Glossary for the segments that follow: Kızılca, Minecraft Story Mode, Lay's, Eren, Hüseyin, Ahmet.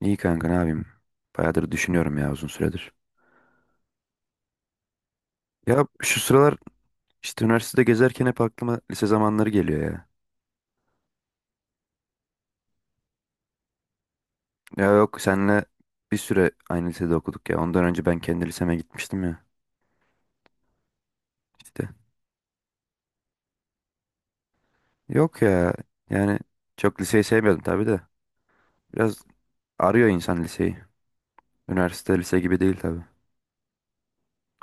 İyi kanka ne yapayım? Bayağıdır düşünüyorum ya uzun süredir. Ya şu sıralar işte üniversitede gezerken hep aklıma lise zamanları geliyor ya. Ya yok senle bir süre aynı lisede okuduk ya. Ondan önce ben kendi liseme gitmiştim ya. İşte. Yok ya yani çok liseyi sevmiyordum tabii de. Biraz arıyor insan liseyi. Üniversite lise gibi değil tabii.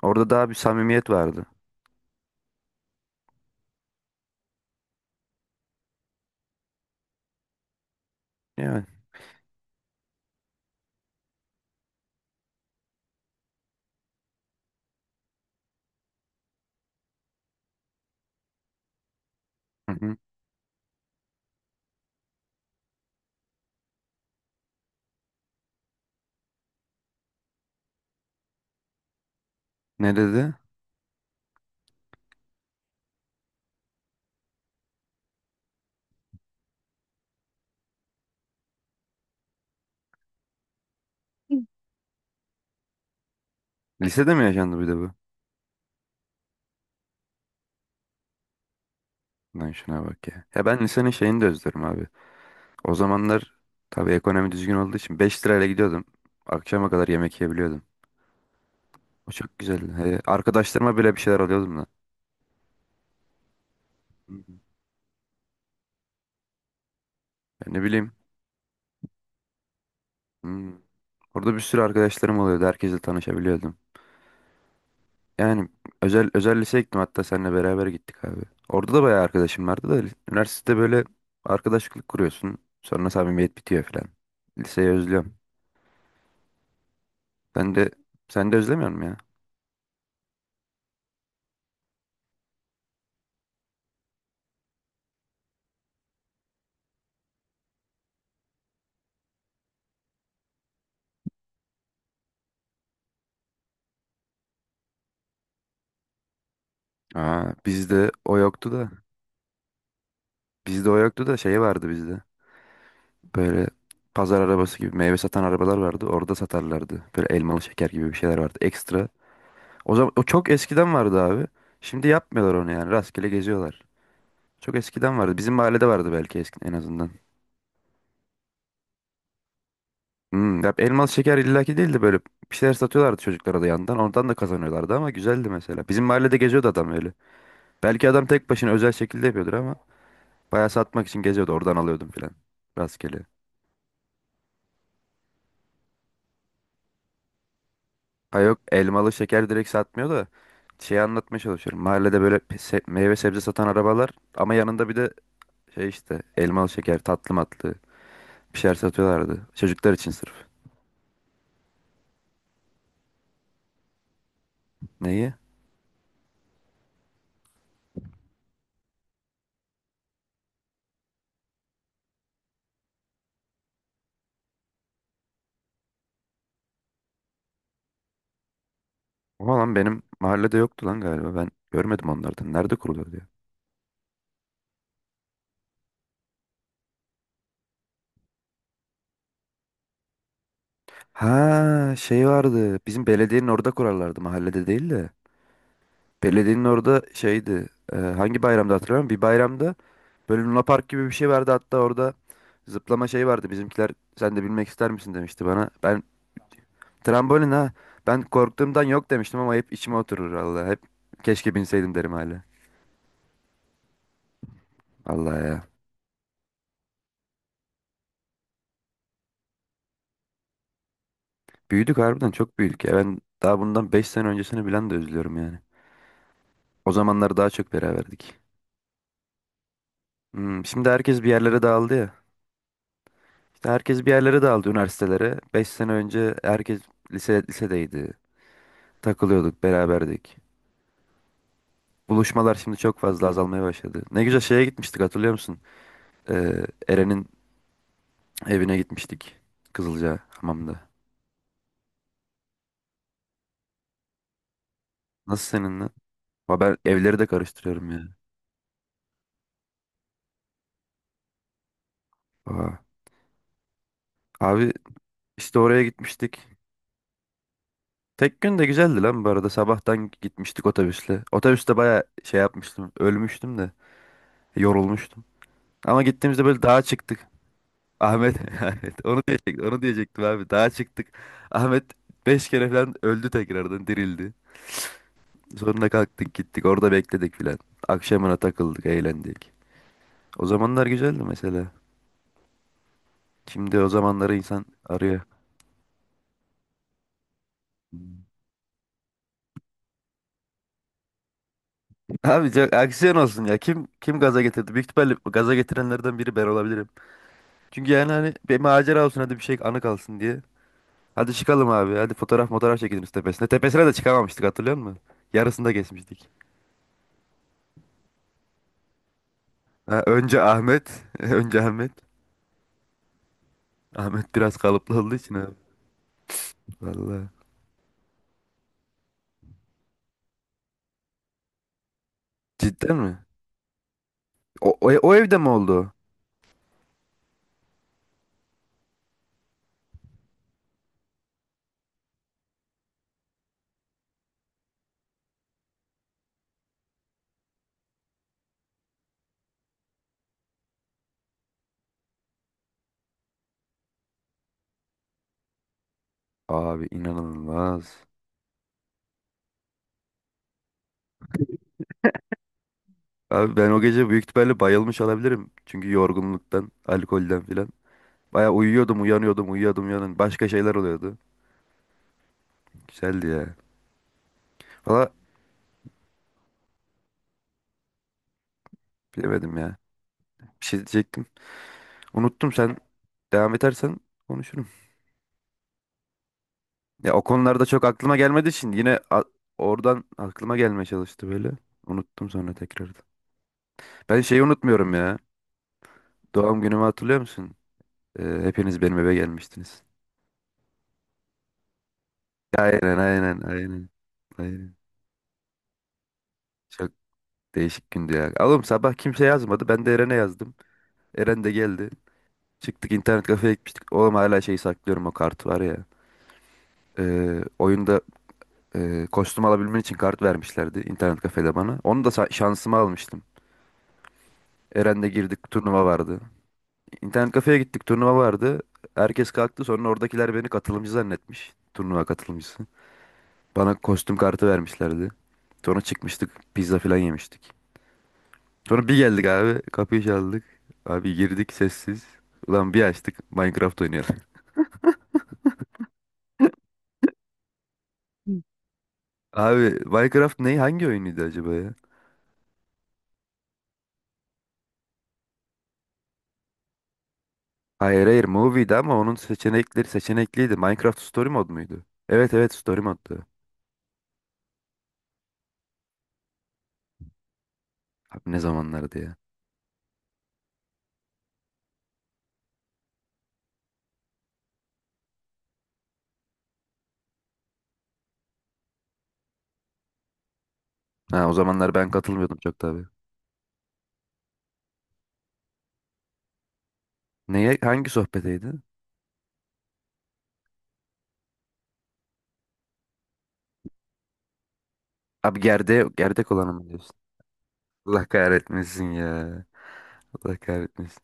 Orada daha bir samimiyet vardı. Yani. Hı hı. Ne dedi? Lisede mi yaşandı bir de bu? Lan şuna bak ya. Ya ben lisenin şeyini de özlerim abi. O zamanlar tabii ekonomi düzgün olduğu için 5 lirayla gidiyordum. Akşama kadar yemek yiyebiliyordum. O çok güzeldi. He, arkadaşlarıma bile bir şeyler alıyordum da. Hı hı. Ya ne bileyim. hmm, Orada bir sürü arkadaşlarım oluyordu. Herkesle tanışabiliyordum. Yani özel liseye gittim. Hatta seninle beraber gittik abi. Orada da bayağı arkadaşım vardı da üniversitede böyle arkadaşlık kuruyorsun. Sonra samimiyet bitiyor falan. Liseyi özlüyorum. Sen de sen de özlemiyor musun ya? Aa, bizde o yoktu da. Bizde o yoktu da şey vardı bizde. Böyle pazar arabası gibi meyve satan arabalar vardı. Orada satarlardı. Böyle elmalı şeker gibi bir şeyler vardı ekstra. O zaman o çok eskiden vardı abi. Şimdi yapmıyorlar onu yani. Rastgele geziyorlar. Çok eskiden vardı. Bizim mahallede vardı belki eski en azından. Ya elmalı şeker illaki değildi böyle. Bir şeyler satıyorlardı çocuklara da yandan. Oradan da kazanıyorlardı ama güzeldi mesela. Bizim mahallede geziyordu adam öyle. Belki adam tek başına özel şekilde yapıyordur ama bayağı satmak için geziyordu. Oradan alıyordum filan. Rastgele. Ha yok elmalı şeker direkt satmıyor da şeyi anlatmaya çalışıyorum. Mahallede böyle meyve sebze satan arabalar ama yanında bir de şey işte elmalı şeker tatlı matlı bir şeyler satıyorlardı. Çocuklar için sırf. Neyi? Ama lan benim mahallede yoktu lan galiba ben görmedim onlardan. Nerede kuruluyor ya? Ha şey vardı bizim belediyenin orada kurarlardı mahallede değil de. Belediyenin orada şeydi. Hangi bayramda hatırlamıyorum. Bir bayramda böyle Luna Park gibi bir şey vardı. Hatta orada zıplama şey vardı. Bizimkiler sen de bilmek ister misin demişti bana. Ben trambolin ha. Ben korktuğumdan yok demiştim ama hep içime oturur Allah. Hep keşke binseydim derim hala. Allah ya. Büyüdük harbiden çok büyüdük ya. Ben daha bundan 5 sene öncesini bilen de üzülüyorum yani. O zamanlar daha çok beraberdik. Şimdi herkes bir yerlere dağıldı ya. İşte herkes bir yerlere dağıldı üniversitelere. 5 sene önce herkes lisedeydi. Takılıyorduk, beraberdik. Buluşmalar şimdi çok fazla azalmaya başladı. Ne güzel şeye gitmiştik hatırlıyor musun? Ee, Eren'in evine gitmiştik. Kızılca hamamda. Nasıl seninle? Ama ben evleri de karıştırıyorum ya. Aa. Abi işte oraya gitmiştik. Tek gün de güzeldi lan bu arada. Sabahtan gitmiştik otobüsle. Otobüste baya şey yapmıştım. Ölmüştüm de. Yorulmuştum. Ama gittiğimizde böyle dağa çıktık. Ahmet, Ahmet onu diyecektim, onu diyecektim abi. Dağa çıktık. Ahmet 5 kere falan öldü tekrardan dirildi. Sonra kalktık gittik orada bekledik filan. Akşamına takıldık eğlendik. O zamanlar güzeldi mesela. Şimdi o zamanları insan arıyor. Abi çok aksiyon olsun ya. Kim gaza getirdi? Büyük ihtimalle gaza getirenlerden biri ben olabilirim. Çünkü yani hani bir macera olsun hadi bir şey anı kalsın diye. Hadi çıkalım abi. Hadi fotoğraf fotoğraf çekelim şu tepesine. Tepesine de çıkamamıştık hatırlıyor musun? Yarısında geçmiştik. Ha, önce Ahmet. Önce Ahmet. Ahmet biraz kalıplı olduğu için abi. Vallahi. Cidden mi? O evde mi oldu? Abi inanılmaz. Abi ben o gece büyük ihtimalle bayılmış olabilirim. Çünkü yorgunluktan, alkolden filan. Baya uyuyordum, uyanıyordum, uyuyordum, uyanıyordum. Başka şeyler oluyordu. Güzeldi ya. Valla bilemedim ya. Bir şey diyecektim. Unuttum sen. Devam edersen konuşurum. Ya o konularda çok aklıma gelmediği için yine oradan aklıma gelmeye çalıştı böyle. Unuttum sonra tekrardan. Ben şeyi unutmuyorum ya. Doğum günümü hatırlıyor musun? Hepiniz benim eve gelmiştiniz. Aynen, aynen, aynen. Aynen. Çok değişik gündü ya. Oğlum sabah kimse yazmadı. Ben de Eren'e yazdım. Eren de geldi. Çıktık internet kafeye gitmiştik. Oğlum hala şeyi saklıyorum o kartı var ya. Oyunda kostüm alabilmen için kart vermişlerdi internet kafede bana. Onu da şansıma almıştım. Eren'le girdik turnuva vardı. İnternet kafeye gittik turnuva vardı. Herkes kalktı sonra oradakiler beni katılımcı zannetmiş. Turnuva katılımcısı. Bana kostüm kartı vermişlerdi. Sonra çıkmıştık pizza falan yemiştik. Sonra bir geldik abi. Kapıyı çaldık. Abi girdik sessiz. Ulan bir açtık Minecraft oynayalım. Abi Minecraft ne? Hangi oyunuydu acaba ya? Hayır hayır Movie'di ama onun seçenekleri seçenekliydi. Minecraft Story Mode muydu? Evet evet Story Mode'du. Abi ne zamanlardı ya? Ha o zamanlar ben katılmıyordum çok tabii. Neye? Hangi sohbeteydi? Abi gerdek olanı mı diyorsun? Allah kahretmesin ya. Allah kahretmesin.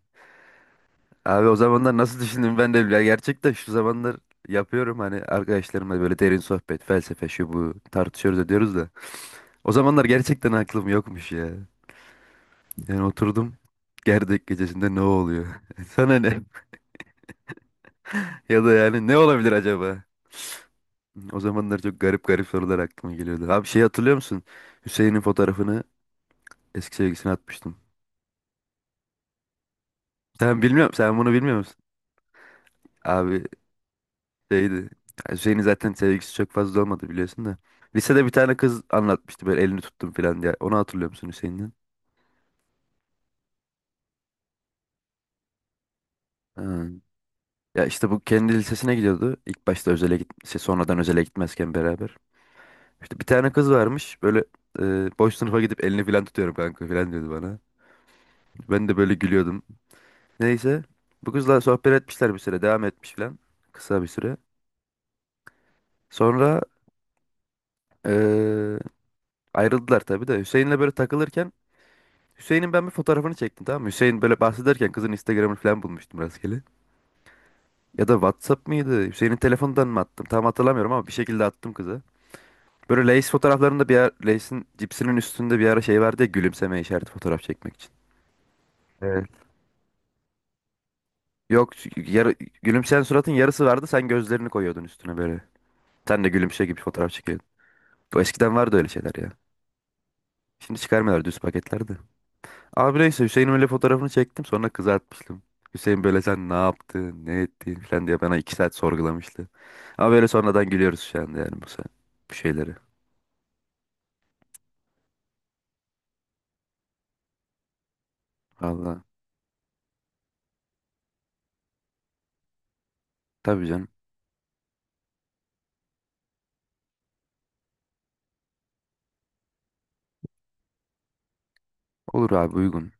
Abi o zamanlar nasıl düşündüm ben de ya gerçekten şu zamanlar yapıyorum hani arkadaşlarımla böyle derin sohbet, felsefe şu bu tartışıyoruz ediyoruz da. O zamanlar gerçekten aklım yokmuş ya. Yani oturdum gerdek gecesinde ne oluyor? Sana ne? Ya da yani ne olabilir acaba? O zamanlar çok garip garip sorular aklıma geliyordu. Abi şey hatırlıyor musun? Hüseyin'in fotoğrafını eski sevgisine atmıştım. Sen bilmiyorum, sen bunu bilmiyor musun? Abi şeydi. Yani Hüseyin'in zaten sevgisi çok fazla olmadı biliyorsun da. Lisede bir tane kız anlatmıştı böyle elini tuttum falan diye. Onu hatırlıyor musun Hüseyin'den? Ha. Ya işte bu kendi lisesine gidiyordu. İlk başta özele git şey, sonradan özele gitmezken beraber. İşte bir tane kız varmış böyle boş sınıfa gidip elini falan tutuyorum kanka falan diyordu bana. Ben de böyle gülüyordum. Neyse bu kızla sohbet etmişler bir süre devam etmiş falan. Kısa bir süre. Sonra e, ayrıldılar tabii de Hüseyin'le böyle takılırken Hüseyin'in ben bir fotoğrafını çektim tamam mı? Hüseyin böyle bahsederken kızın Instagram'ını falan bulmuştum rastgele. Ya da WhatsApp mıydı? Hüseyin'in telefonundan mı attım? Tam hatırlamıyorum ama bir şekilde attım kıza. Böyle Lay's fotoğraflarında bir ara, Lay's'in cipsinin üstünde bir ara şey vardı ya gülümseme işareti fotoğraf çekmek için. Evet. Yok çünkü yarı, gülümseyen suratın yarısı vardı sen gözlerini koyuyordun üstüne böyle. Sen de gülümse gibi fotoğraf çekiyordun. O eskiden vardı öyle şeyler ya. Şimdi çıkarmıyorlar düz paketlerde. Abi neyse Hüseyin'in öyle fotoğrafını çektim sonra kızartmıştım. Hüseyin böyle sen ne yaptın ne ettin falan diye bana 2 saat sorgulamıştı. Ama böyle sonradan gülüyoruz şu anda yani bu, bu şeyleri. Valla tabii canım olur abi uygun.